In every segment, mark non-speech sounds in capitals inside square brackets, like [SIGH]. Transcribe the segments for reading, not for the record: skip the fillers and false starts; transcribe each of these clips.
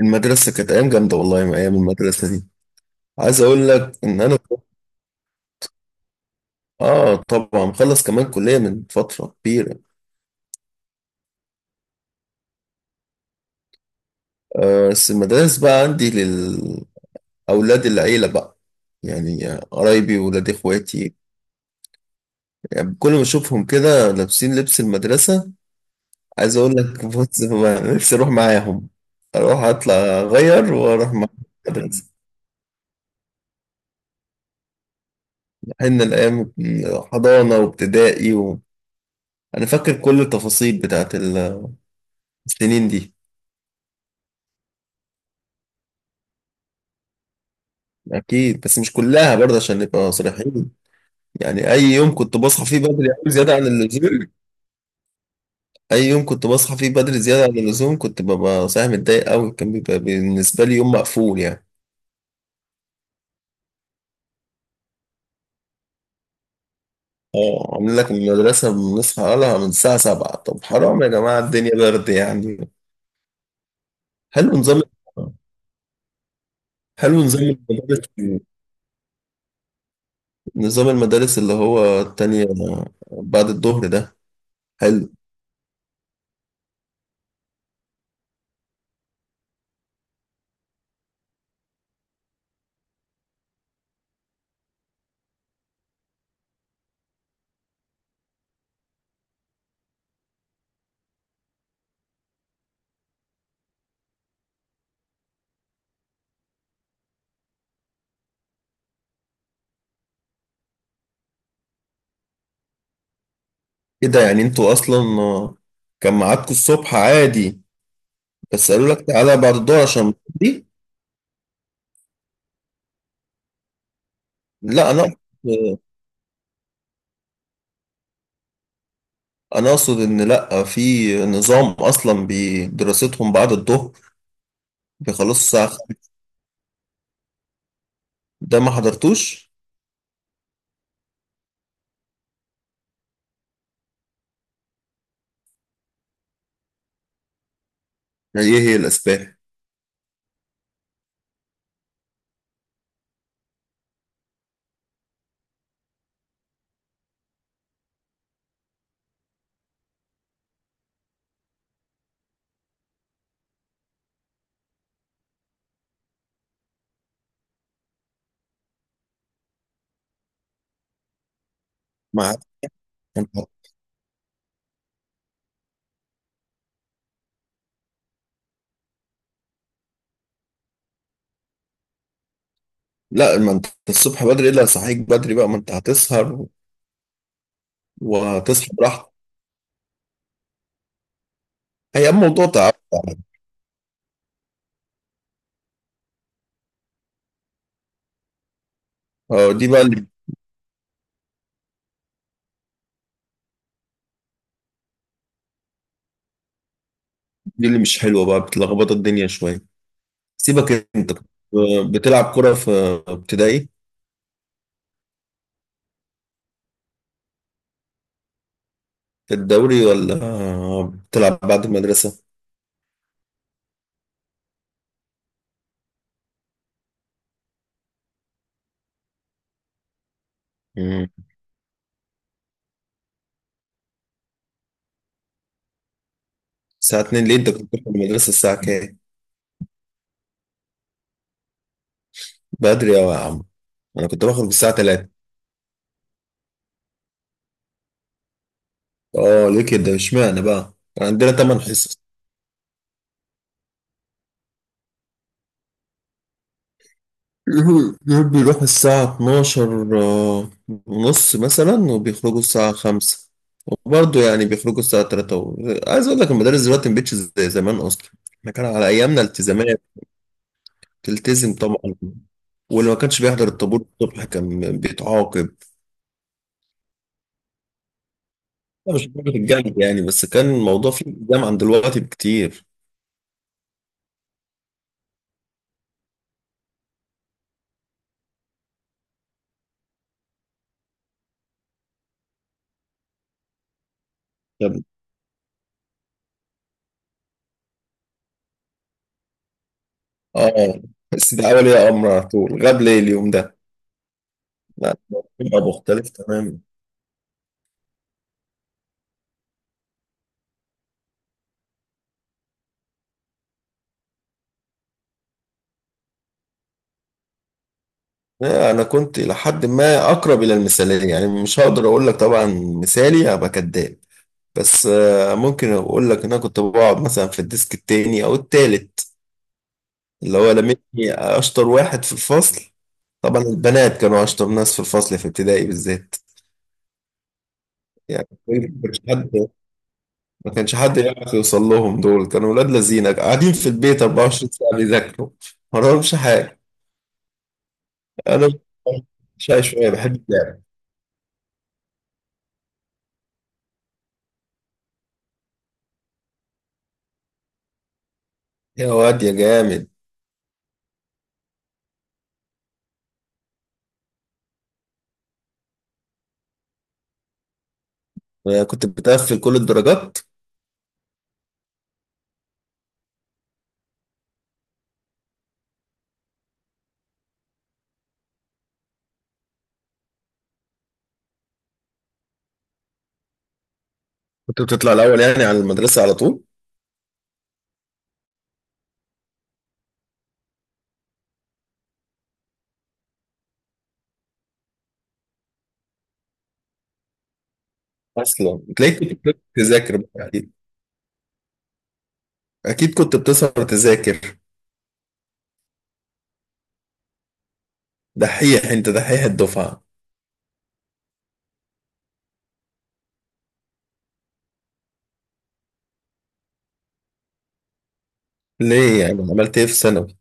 المدرسة كانت أيام جامدة والله من أيام المدرسة دي. عايز أقول لك إن أنا آه طبعا مخلص كمان كلية من فترة كبيرة. آه، بس المدارس بقى عندي للأولاد. العيلة بقى، يعني قرايبي وولاد إخواتي. يعني كل ما أشوفهم كده لابسين لبس المدرسة عايز أقول لك [LAUGHS] بص نفسي أروح معاهم، أروح أطلع أغير وأروح مع المدرسة. إحنا الأيام حضانة وابتدائي أنا فاكر كل التفاصيل بتاعت السنين دي. أكيد بس مش كلها برضه عشان نبقى صريحين. يعني أي يوم كنت بصحى فيه بدري أوي زيادة عن اللزوم، أي يوم كنت بصحى فيه بدري زيادة عن اللزوم كنت ببقى صايح متضايق أوي، كان بيبقى بالنسبة لي يوم مقفول يعني. اه عاملين لك المدرسة بنصحى لها من الساعة 7، طب حرام يا جماعة الدنيا برد يعني. حلو نظام. حلو نظام المدارس. نظام المدارس اللي هو التانية بعد الظهر ده حلو. إيه ده؟ يعني أنتوا أصلا كان ميعادكم الصبح عادي بس قالوا لك تعالى بعد الدور عشان دي؟ لا انا اقصد ان لا في نظام اصلا بدراستهم بعد الظهر، بيخلصوا الساعه 5؟ ده ما حضرتوش؟ يعني ايه هي الاسباب؟ ما أنت- لا ما انت الصبح بدري الا صحيك بدري بقى، ما انت هتسهر وهتصحى براحتك. هي الموضوع تعب يعني. اه دي بقى اللي، دي اللي مش حلوه بقى، بتلخبط الدنيا شويه. سيبك انت. بتلعب كره في ابتدائي، في الدوري ولا بتلعب بعد المدرسه؟ مم. الساعة 2؟ ليه انت كنت بتروح المدرسة الساعة كام؟ بدري أوي يا عم، انا كنت بخرج الساعة 3. اه ليه كده اشمعنى بقى؟ كان عندنا 8 حصص. [LAUGHS] دول بيروحوا الساعة 12 ونص مثلا، وبيخرجوا الساعة 5، وبرضه يعني بيخرجوا الساعة 3 عايز أقول لك المدارس دلوقتي مبقتش زي زمان أصلا. احنا كان على أيامنا التزامات، تلتزم طبعا، واللي ما كانش بيحضر الطابور الصبح كان بيتعاقب. لا، مش درجة الجامد يعني، بس كان الموضوع فيه التزام عن دلوقتي بكتير. طب اه بس ده اول يا امر على طول غاب ليه اليوم ده؟ لا بيبقى مختلف تماما. لا، انا كنت لحد ما اقرب الى المثاليه يعني، مش هقدر اقول لك طبعا مثالي هبقى كداب. بس ممكن اقول لك ان انا كنت بقعد مثلا في الديسك التاني او التالت اللي هو لمني اشطر واحد في الفصل. طبعا البنات كانوا اشطر ناس في الفصل في ابتدائي بالذات. يعني مش حد ما كانش حد يعرف يوصل لهم، دول كانوا ولاد لذينه قاعدين في البيت 24 ساعة بيذاكروا، ما وراهمش حاجة. أنا شاي شوية بحب اللعب. يا واد يا جامد، أنا كنت بتقفل كل الدرجات. كنت بتطلع الأول يعني على المدرسة على طول. أصلا تلاقيك كنت بتقدر تذاكر بقى. أكيد. أكيد كنت بتسهر تذاكر. دحيح أنت، دحيح الدفعة. ليه يعني عملت إيه في ثانوي؟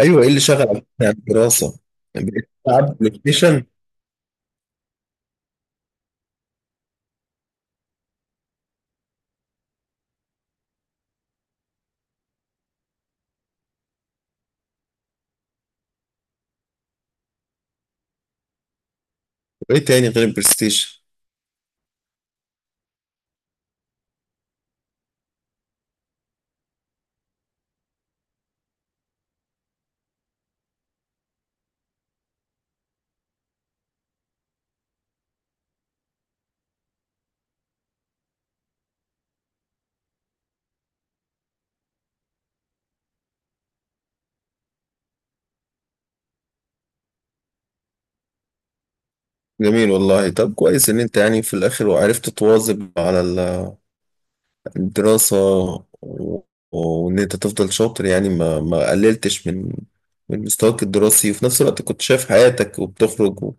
أيوه، إيه اللي شغل على الدراسة؟ بقيت تلعب بلاي ستيشن؟ وإيه تاني غير البلاي ستيشن؟ جميل والله. طب كويس ان انت يعني في الاخر وعرفت تواظب على الدراسة و- وان انت تفضل شاطر، يعني ما قللتش من مستواك الدراسي، وفي نفس الوقت كنت شايف حياتك وبتخرج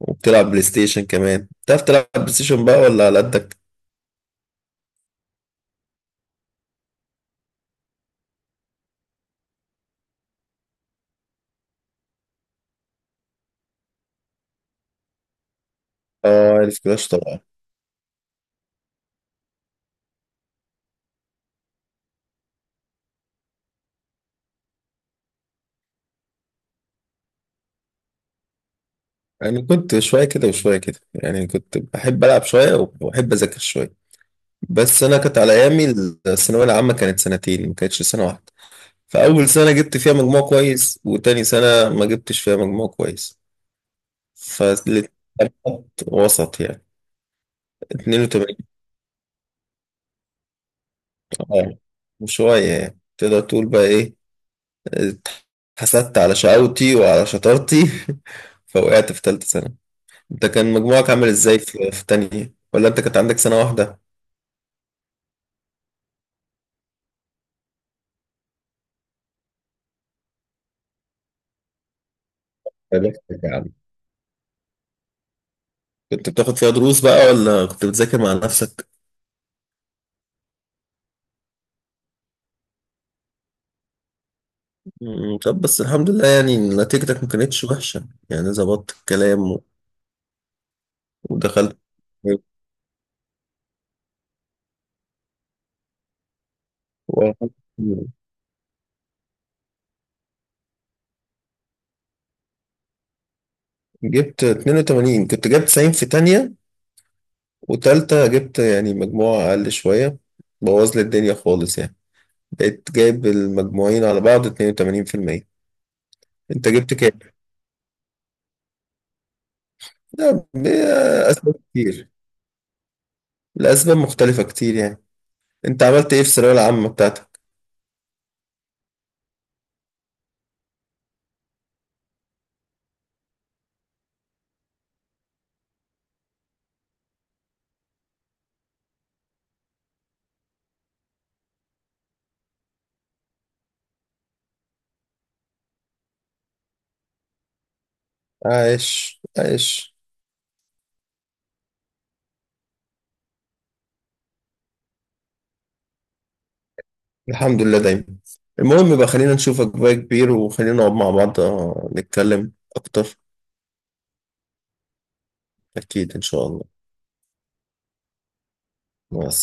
وبتلعب بلاي ستيشن كمان. بتعرف تلعب بلاي ستيشن بقى ولا على قدك؟ اه عارف كلاش طبعا. يعني كنت شوية كده وشوية كده، يعني كنت بحب ألعب شوية وبحب أذاكر شوية. بس أنا كانت على أيامي الثانوية العامة كانت سنتين، ما كانتش سنة واحدة. فأول سنة جبت فيها مجموع كويس، وتاني سنة ما جبتش فيها مجموع كويس. فالاتنين وسط يعني. 82. اه، وشوية يعني تقدر تقول بقى إيه، اتحسدت على شقاوتي وعلى شطارتي. [LAUGHS] فوقعت في تالتة سنة. أنت كان مجموعك عامل إزاي في تانية، ولا أنت كانت عندك سنة واحدة؟ يا بختك يا عم. كنت بتاخد فيها دروس بقى ولا كنت بتذاكر مع نفسك؟ طب بس الحمد لله، يعني نتيجتك ما كانتش وحشة يعني، ظبطت الكلام ودخلت و- جبت 82. كنت جبت 90 في تانية، وتالتة جبت يعني مجموعة أقل شوية، بوظ لي الدنيا خالص يعني. بقيت جايب المجموعين على بعض 82%. أنت جبت كام؟ لا أسباب كتير. الأسباب مختلفة كتير يعني. أنت عملت إيه في الثانوية العامة بتاعتك؟ عايش عايش. الحمد لله دايما. المهم بقى خلينا نشوفك بقى كبير، وخلينا نقعد مع بعض نتكلم أكتر. أكيد إن شاء الله. مع السلامة.